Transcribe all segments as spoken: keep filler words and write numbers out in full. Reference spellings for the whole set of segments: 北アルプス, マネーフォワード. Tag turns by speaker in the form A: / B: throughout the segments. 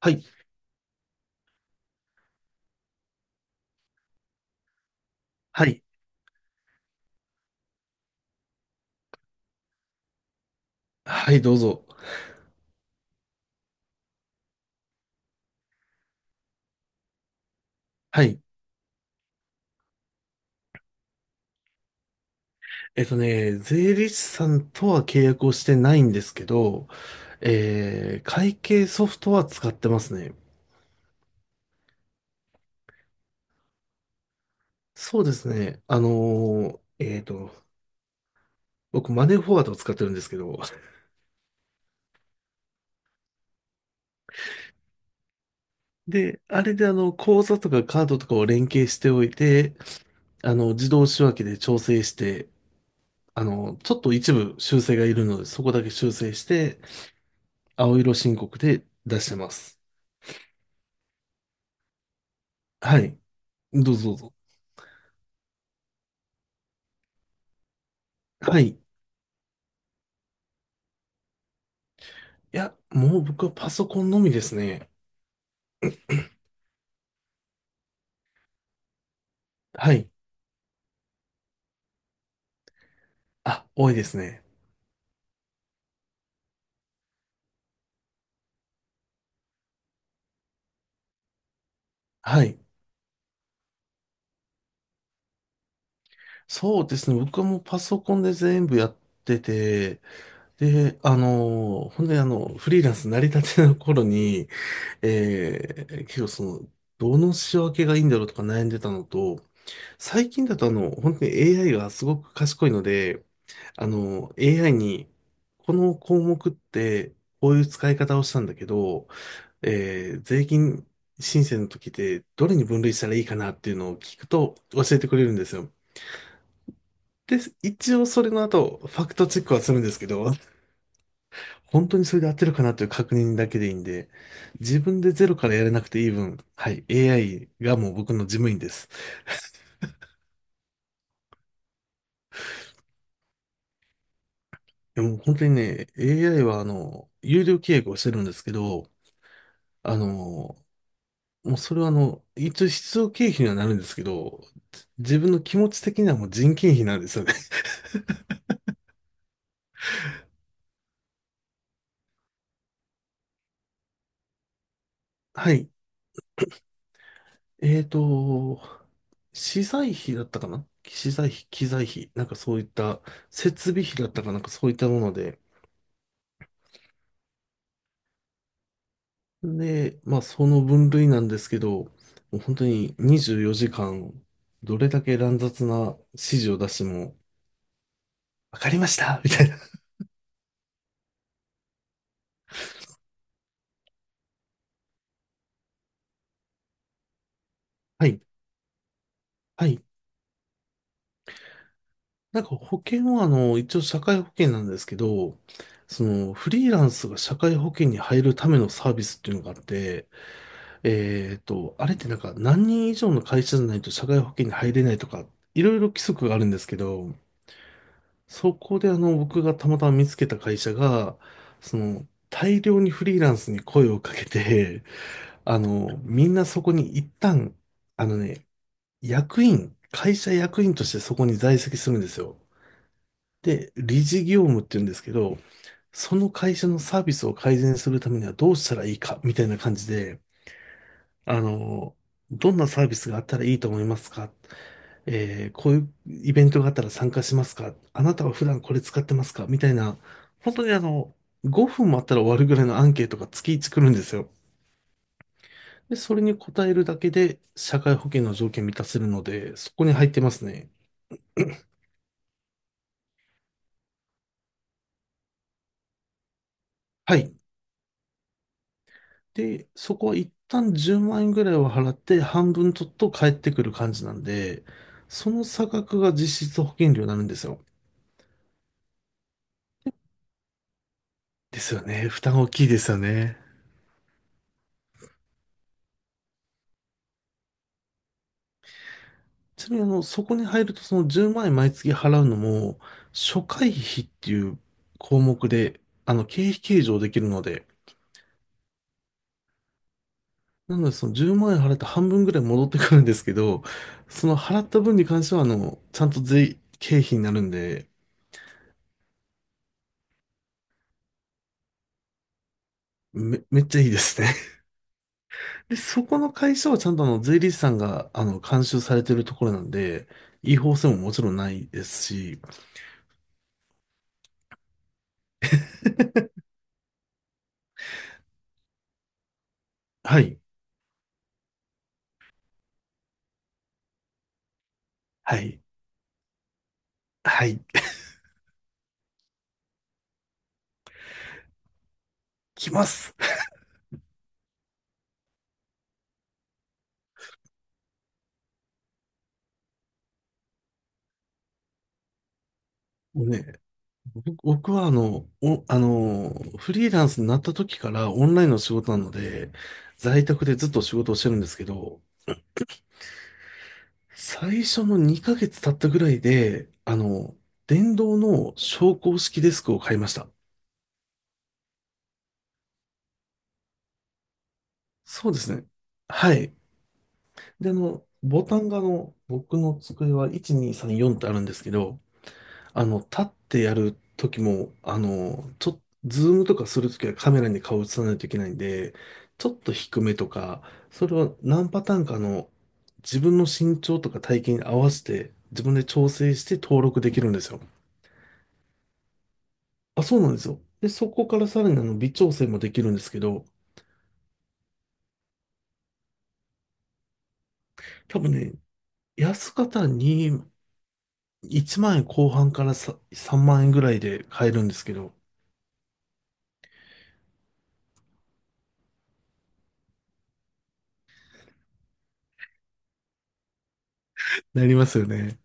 A: はい、はい、はい、どうぞ。はい。えっとね、税理士さんとは契約をしてないんですけど、えー、会計ソフトは使ってますね。そうですね。あのーえっと、僕、マネーフォワードを使ってるんですけど、で、あれであの、口座とかカードとかを連携しておいて、あの、自動仕分けで調整して、あの、ちょっと一部修正がいるので、そこだけ修正して、青色申告で出してます。はい。どうぞどうぞ。はい。いや、もう僕はパソコンのみですね。はい。あ、多いですね。はい。そうですね。僕はもうパソコンで全部やってて、で、あのー、ほんであの、フリーランス成り立ての頃に、えー、結構その、どの仕分けがいいんだろうとか悩んでたのと、最近だとあの、本当に エーアイ がすごく賢いので、あの、エーアイ に、この項目って、こういう使い方をしたんだけど、えー税金申請の時でどれに分類したらいいかなっていうのを聞くと教えてくれるんですよ。で、一応それの後、ファクトチェックはするんですけど、本当にそれで合ってるかなという確認だけでいいんで、自分でゼロからやれなくていい分、はい、エーアイ がもう僕の事務員です。でも本当にね、エーアイ はあの、有料契約をしてるんですけど、あの、もうそれはあの、一応必要経費にはなるんですけど、自分の気持ち的にはもう人件費なんですよね。はい。えーと、資材費だったかな、資材費、機材費、なんかそういった設備費だったかなんかそういったもので、で、まあその分類なんですけど、もう本当ににじゅうよじかん、どれだけ乱雑な指示を出しても、わかりましたみたいな。はい。はい。なんか保険はあの、一応社会保険なんですけど、そのフリーランスが社会保険に入るためのサービスっていうのがあって、えっと、あれってなんか何人以上の会社じゃないと社会保険に入れないとか、いろいろ規則があるんですけど、そこであの、僕がたまたま見つけた会社が、その、大量にフリーランスに声をかけて、あの、みんなそこに一旦、あのね、役員、会社役員としてそこに在籍するんですよ。で、理事業務って言うんですけど、その会社のサービスを改善するためにはどうしたらいいか、みたいな感じで、あの、どんなサービスがあったらいいと思いますか？えーこういうイベントがあったら参加しますか？あなたは普段これ使ってますか？みたいな、本当にあの、ごふんもあったら終わるぐらいのアンケートが月つきいち来るんですよ。で、それに答えるだけで社会保険の条件満たせるので、そこに入ってますね。はい。で、そこは一旦じゅうまん円ぐらいを払って半分取っと返ってくる感じなんで、その差額が実質保険料になるんですよ。ですよね。負担大きいですよね。ちなみにあの、そこに入るとそのじゅうまん円毎月払うのも、初回費っていう項目で、あの、経費計上できるので、なのでそのじゅうまん円払って半分ぐらい戻ってくるんですけど、その払った分に関してはあの、ちゃんと税、経費になるんで、め、めっちゃいいですね。で、そこの会社はちゃんとあの、税理士さんがあの、監修されてるところなんで、違法性ももちろんないですし、はい、はい、はい、来ます。もうね、僕僕はあの、お、あの、フリーランスになった時からオンラインの仕事なので、在宅でずっと仕事をしてるんですけど、最初のにかげつ経ったぐらいで、あの、電動の昇降式デスクを買いました。そうですね。はい。で、あの、ボタンがあの、僕の机はいち、に、さん、よんってあるんですけど、あの、立ってやる時も、あの、ちょっとズームとかするときはカメラに顔映さないといけないんで、ちょっと低めとか、それを何パターンかの自分の身長とか体型に合わせて、自分で調整して登録できるんですよ。あ、そうなんですよ。で、そこからさらにあの微調整もできるんですけど、多分ね、安方にいちまん円後半からささんまん円ぐらいで買えるんですけど、なりますよね。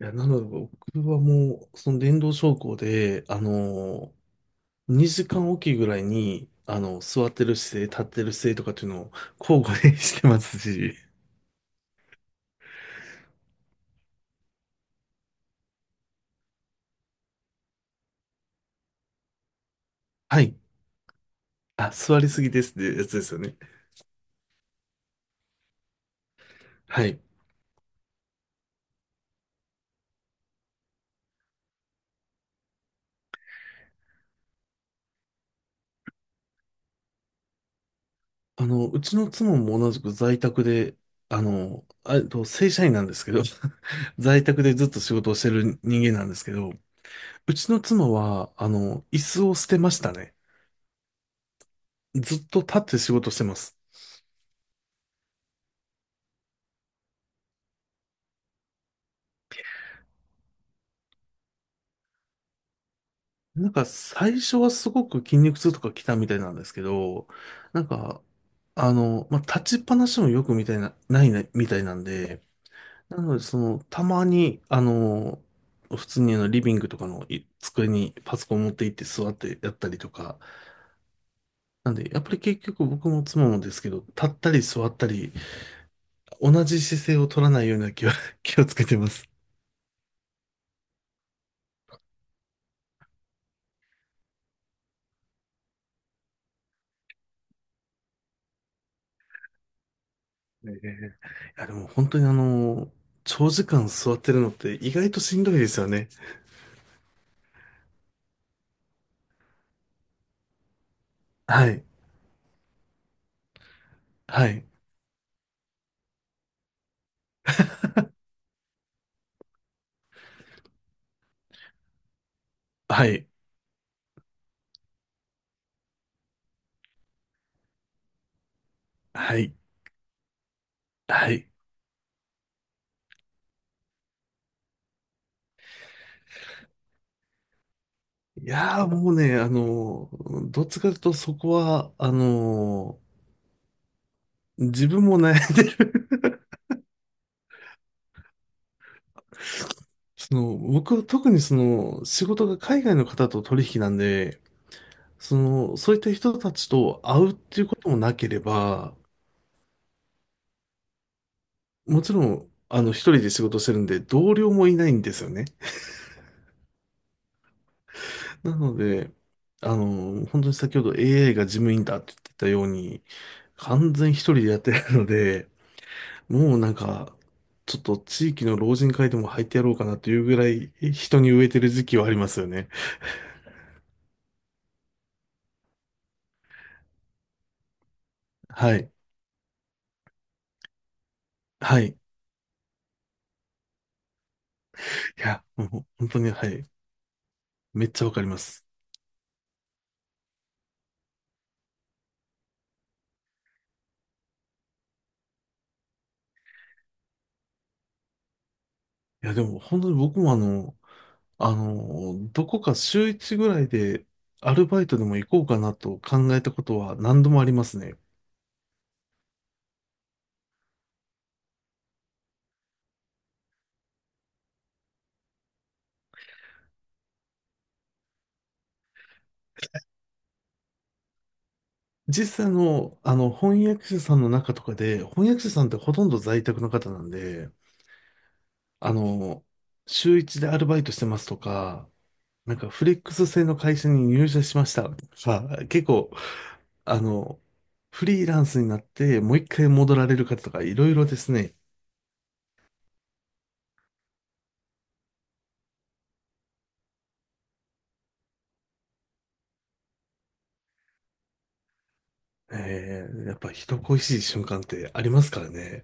A: いや、なので僕はもう、その電動昇降で、あのー、にじかんおきぐらいに、あの、座ってる姿勢、立ってる姿勢とかっていうのを交互で してますし、はい。あ、座りすぎですってやつですよね。はい。あの、うちの妻も同じく在宅で、あの、あえっと、正社員なんですけど、在宅でずっと仕事をしてる人間なんですけど、うちの妻は、あの、椅子を捨てましたね。ずっと立って仕事してます。なんか最初はすごく筋肉痛とか来たみたいなんですけど、なんか、あの、まあ、立ちっぱなしもよくみたいな、ないな、みたいなんで、なのでその、たまに、あの、普通にあのリビングとかのい机にパソコン持って行って座ってやったりとか、なんで、やっぱり結局僕も妻もですけど、立ったり座ったり、同じ姿勢を取らないような気を、気をつけてます。ええ、いや、でも本当にあの、長時間座ってるのって意外としんどいですよね。はい。はい。はい。はい。はい。いやーもうね、あのー、どっちかというとそこは、あのー、自分も悩んでる。 その、僕は特にその、仕事が海外の方と取引なんで、その、そういった人たちと会うっていうこともなければ、もちろん、あの、一人で仕事してるんで、同僚もいないんですよね。なので、あの本当に先ほど エーアイ が事務員だって言ってたように、完全一人でやってるので、もうなんか、ちょっと地域の老人会でも入ってやろうかなというぐらい人に植えてる時期はありますよね。はい。はい。いや、もう本当に、はい。めっちゃわかります。いや、でも本当に僕もあの、あの、どこか週一ぐらいでアルバイトでも行こうかなと考えたことは何度もありますね。実際の、あの、翻訳者さんの中とかで、翻訳者さんってほとんど在宅の方なんで、あの、週一でアルバイトしてますとか、なんかフレックス制の会社に入社しましたとか、結構、あの、フリーランスになってもう一回戻られる方とかいろいろですね。えー、やっぱ人恋しい瞬間ってありますからね。